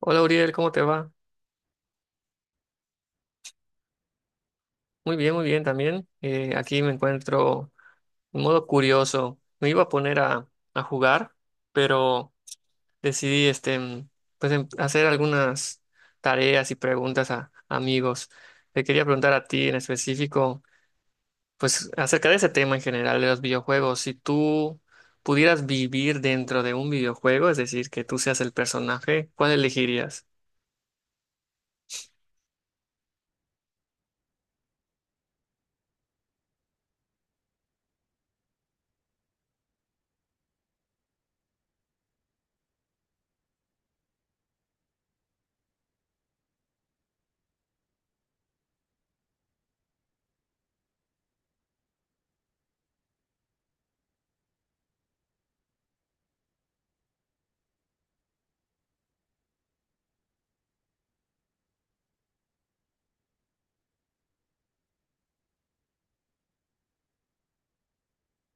Hola Uriel, ¿cómo te va? Muy bien también. Aquí me encuentro en modo curioso. Me iba a poner a jugar, pero decidí pues, hacer algunas tareas y preguntas a amigos. Te quería preguntar a ti en específico, pues acerca de ese tema en general de los videojuegos. Si tú pudieras vivir dentro de un videojuego, es decir, que tú seas el personaje, ¿cuál elegirías?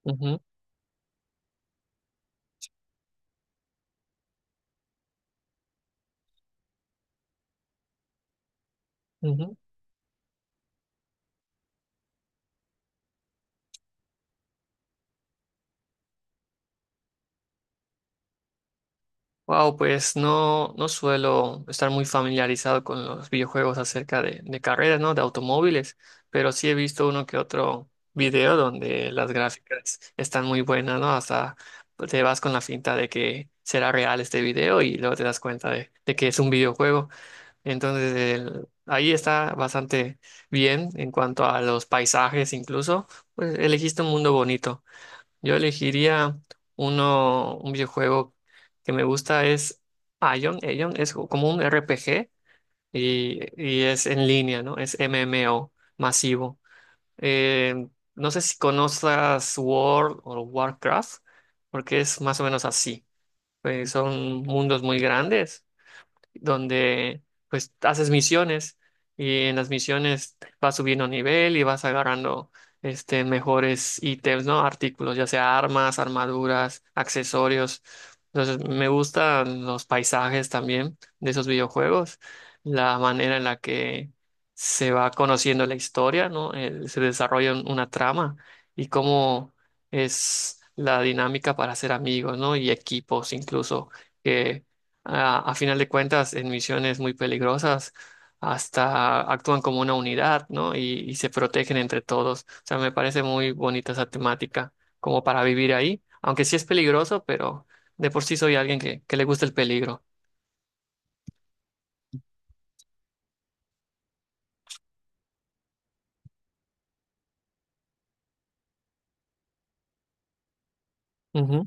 Ujú, ujú. Wow, pues no suelo estar muy familiarizado con los videojuegos acerca de carreras, ¿no? De automóviles, pero sí he visto uno que otro video donde las gráficas están muy buenas, ¿no? Hasta te vas con la finta de que será real este video y luego te das cuenta de que es un videojuego. Entonces, ahí está bastante bien en cuanto a los paisajes, incluso, pues elegiste un mundo bonito. Yo elegiría un videojuego que me gusta es Ion. Ion es como un RPG y es en línea, ¿no? Es MMO masivo. Eh, no sé si conozcas World o Warcraft, porque es más o menos así. Son mundos muy grandes donde pues haces misiones y en las misiones vas subiendo nivel y vas agarrando este mejores ítems, ¿no? Artículos, ya sea armas, armaduras, accesorios. Entonces, me gustan los paisajes también de esos videojuegos, la manera en la que se va conociendo la historia, ¿no? Se desarrolla una trama y cómo es la dinámica para hacer amigos, ¿no? Y equipos incluso a final de cuentas, en misiones muy peligrosas, hasta actúan como una unidad, ¿no? Y se protegen entre todos. O sea, me parece muy bonita esa temática, como para vivir ahí, aunque sí es peligroso, pero de por sí soy alguien que le gusta el peligro. Ujú,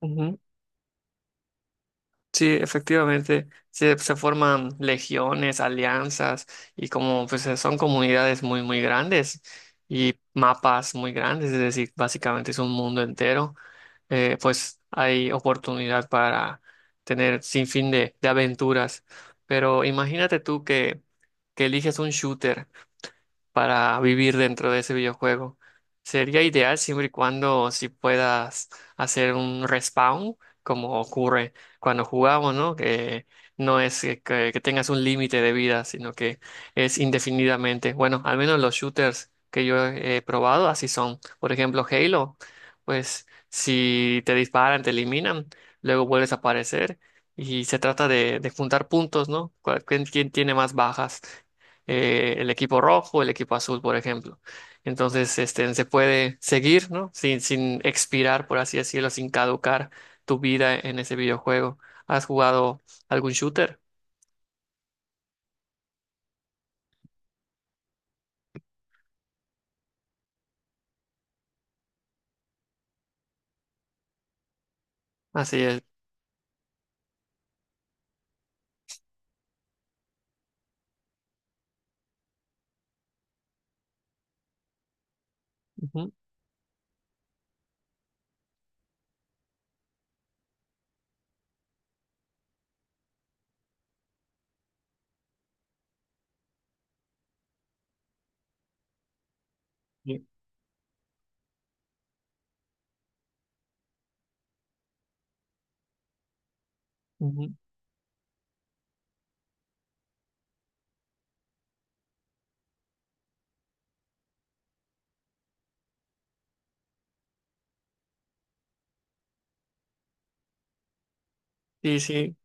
ujú, ujú. Sí, efectivamente, se forman legiones, alianzas y como pues son comunidades muy, muy grandes y mapas muy grandes, es decir, básicamente es un mundo entero pues hay oportunidad para tener sin fin de aventuras. Pero imagínate tú que eliges un shooter para vivir dentro de ese videojuego. Sería ideal siempre y cuando si puedas hacer un respawn, como ocurre cuando jugamos, ¿no? Que no es que tengas un límite de vida, sino que es indefinidamente. Bueno, al menos los shooters que yo he probado así son. Por ejemplo, Halo, pues si te disparan, te eliminan, luego vuelves a aparecer. Y se trata de juntar puntos, ¿no? ¿Quién tiene más bajas? El equipo rojo, el equipo azul, por ejemplo. Entonces, este, se puede seguir, ¿no? Sin expirar, por así decirlo, sin caducar tu vida en ese videojuego. ¿Has jugado algún shooter? Así es. Ujú. Sí, ujú. Sí, sí.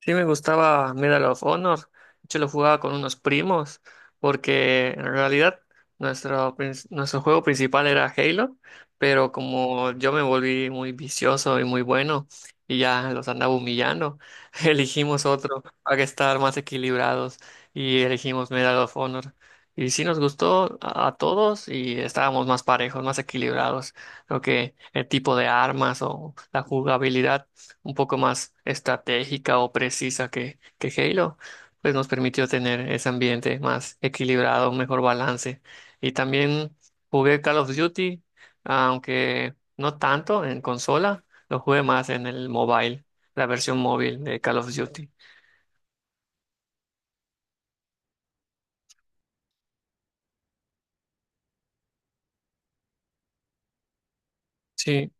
Sí, me gustaba Medal of Honor. De hecho, lo jugaba con unos primos, porque en realidad nuestro juego principal era Halo, pero como yo me volví muy vicioso y muy bueno, y ya los andaba humillando, elegimos otro para estar más equilibrados y elegimos Medal of Honor. Y sí nos gustó a todos y estábamos más parejos, más equilibrados. Creo que el tipo de armas o la jugabilidad un poco más estratégica o precisa que Halo, pues nos permitió tener ese ambiente más equilibrado, un mejor balance. Y también jugué Call of Duty, aunque no tanto en consola, lo jugué más en el mobile, la versión móvil de Call of Duty. Sí,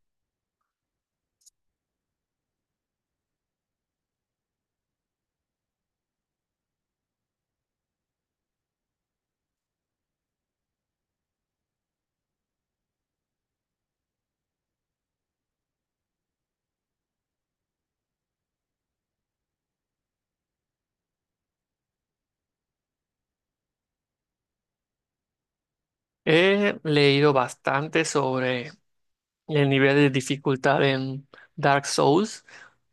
he leído bastante sobre el nivel de dificultad en Dark Souls,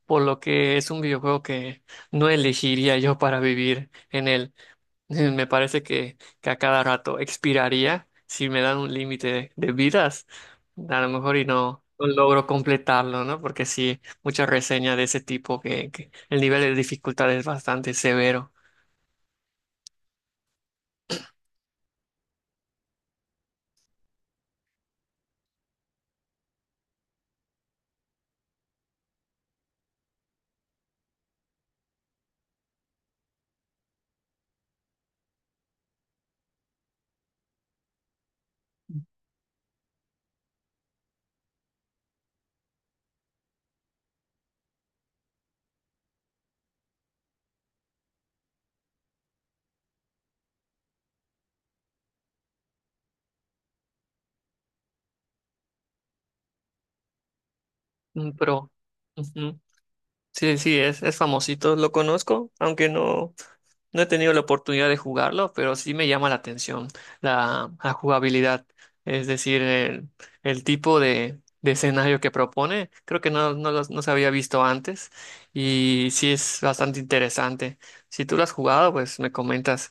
por lo que es un videojuego que no elegiría yo para vivir en él. Me parece que a cada rato expiraría si me dan un límite de vidas, a lo mejor y no logro completarlo, ¿no? Porque sí, muchas reseñas de ese tipo que el nivel de dificultad es bastante severo. Mm, pero ujú, sí, es famosito, lo conozco, aunque no. No he tenido la oportunidad de jugarlo, pero sí me llama la atención la jugabilidad, es decir, el tipo de escenario que propone. Creo que no se había visto antes y sí es bastante interesante. Si tú lo has jugado, pues me comentas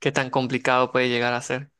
qué tan complicado puede llegar a ser.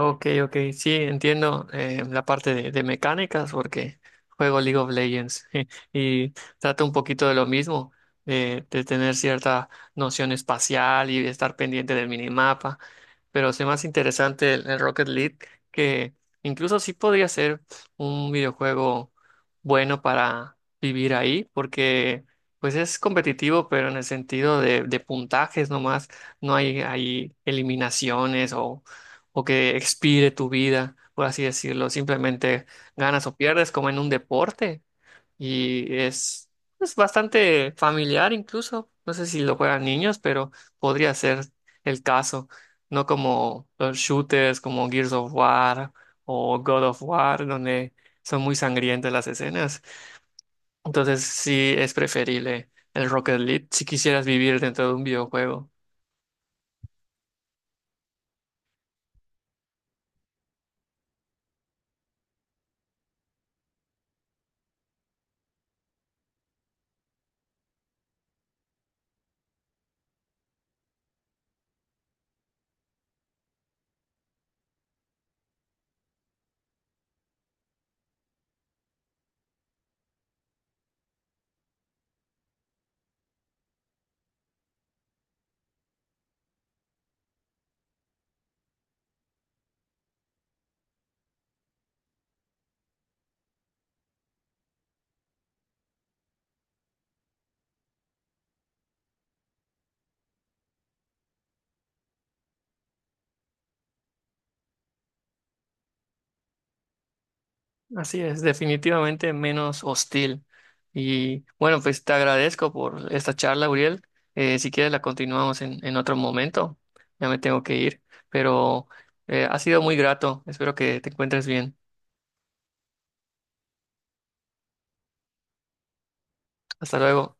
Ok, ok, sí, entiendo la parte de mecánicas porque juego League of Legends y trata un poquito de lo mismo, de tener cierta noción espacial y de estar pendiente del minimapa, pero es más interesante el Rocket League que incluso sí podría ser un videojuego bueno para vivir ahí porque pues es competitivo pero en el sentido de puntajes nomás, no hay, hay eliminaciones o que expire tu vida, por así decirlo. Simplemente ganas o pierdes como en un deporte y es bastante familiar incluso. No sé si lo juegan niños, pero podría ser el caso. No como los shooters como Gears of War o God of War, donde son muy sangrientas las escenas. Entonces sí es preferible el Rocket League si quisieras vivir dentro de un videojuego. Así es, definitivamente menos hostil. Y bueno, pues te agradezco por esta charla, Uriel. Si quieres la continuamos en otro momento. Ya me tengo que ir, pero ha sido muy grato. Espero que te encuentres bien. Hasta luego.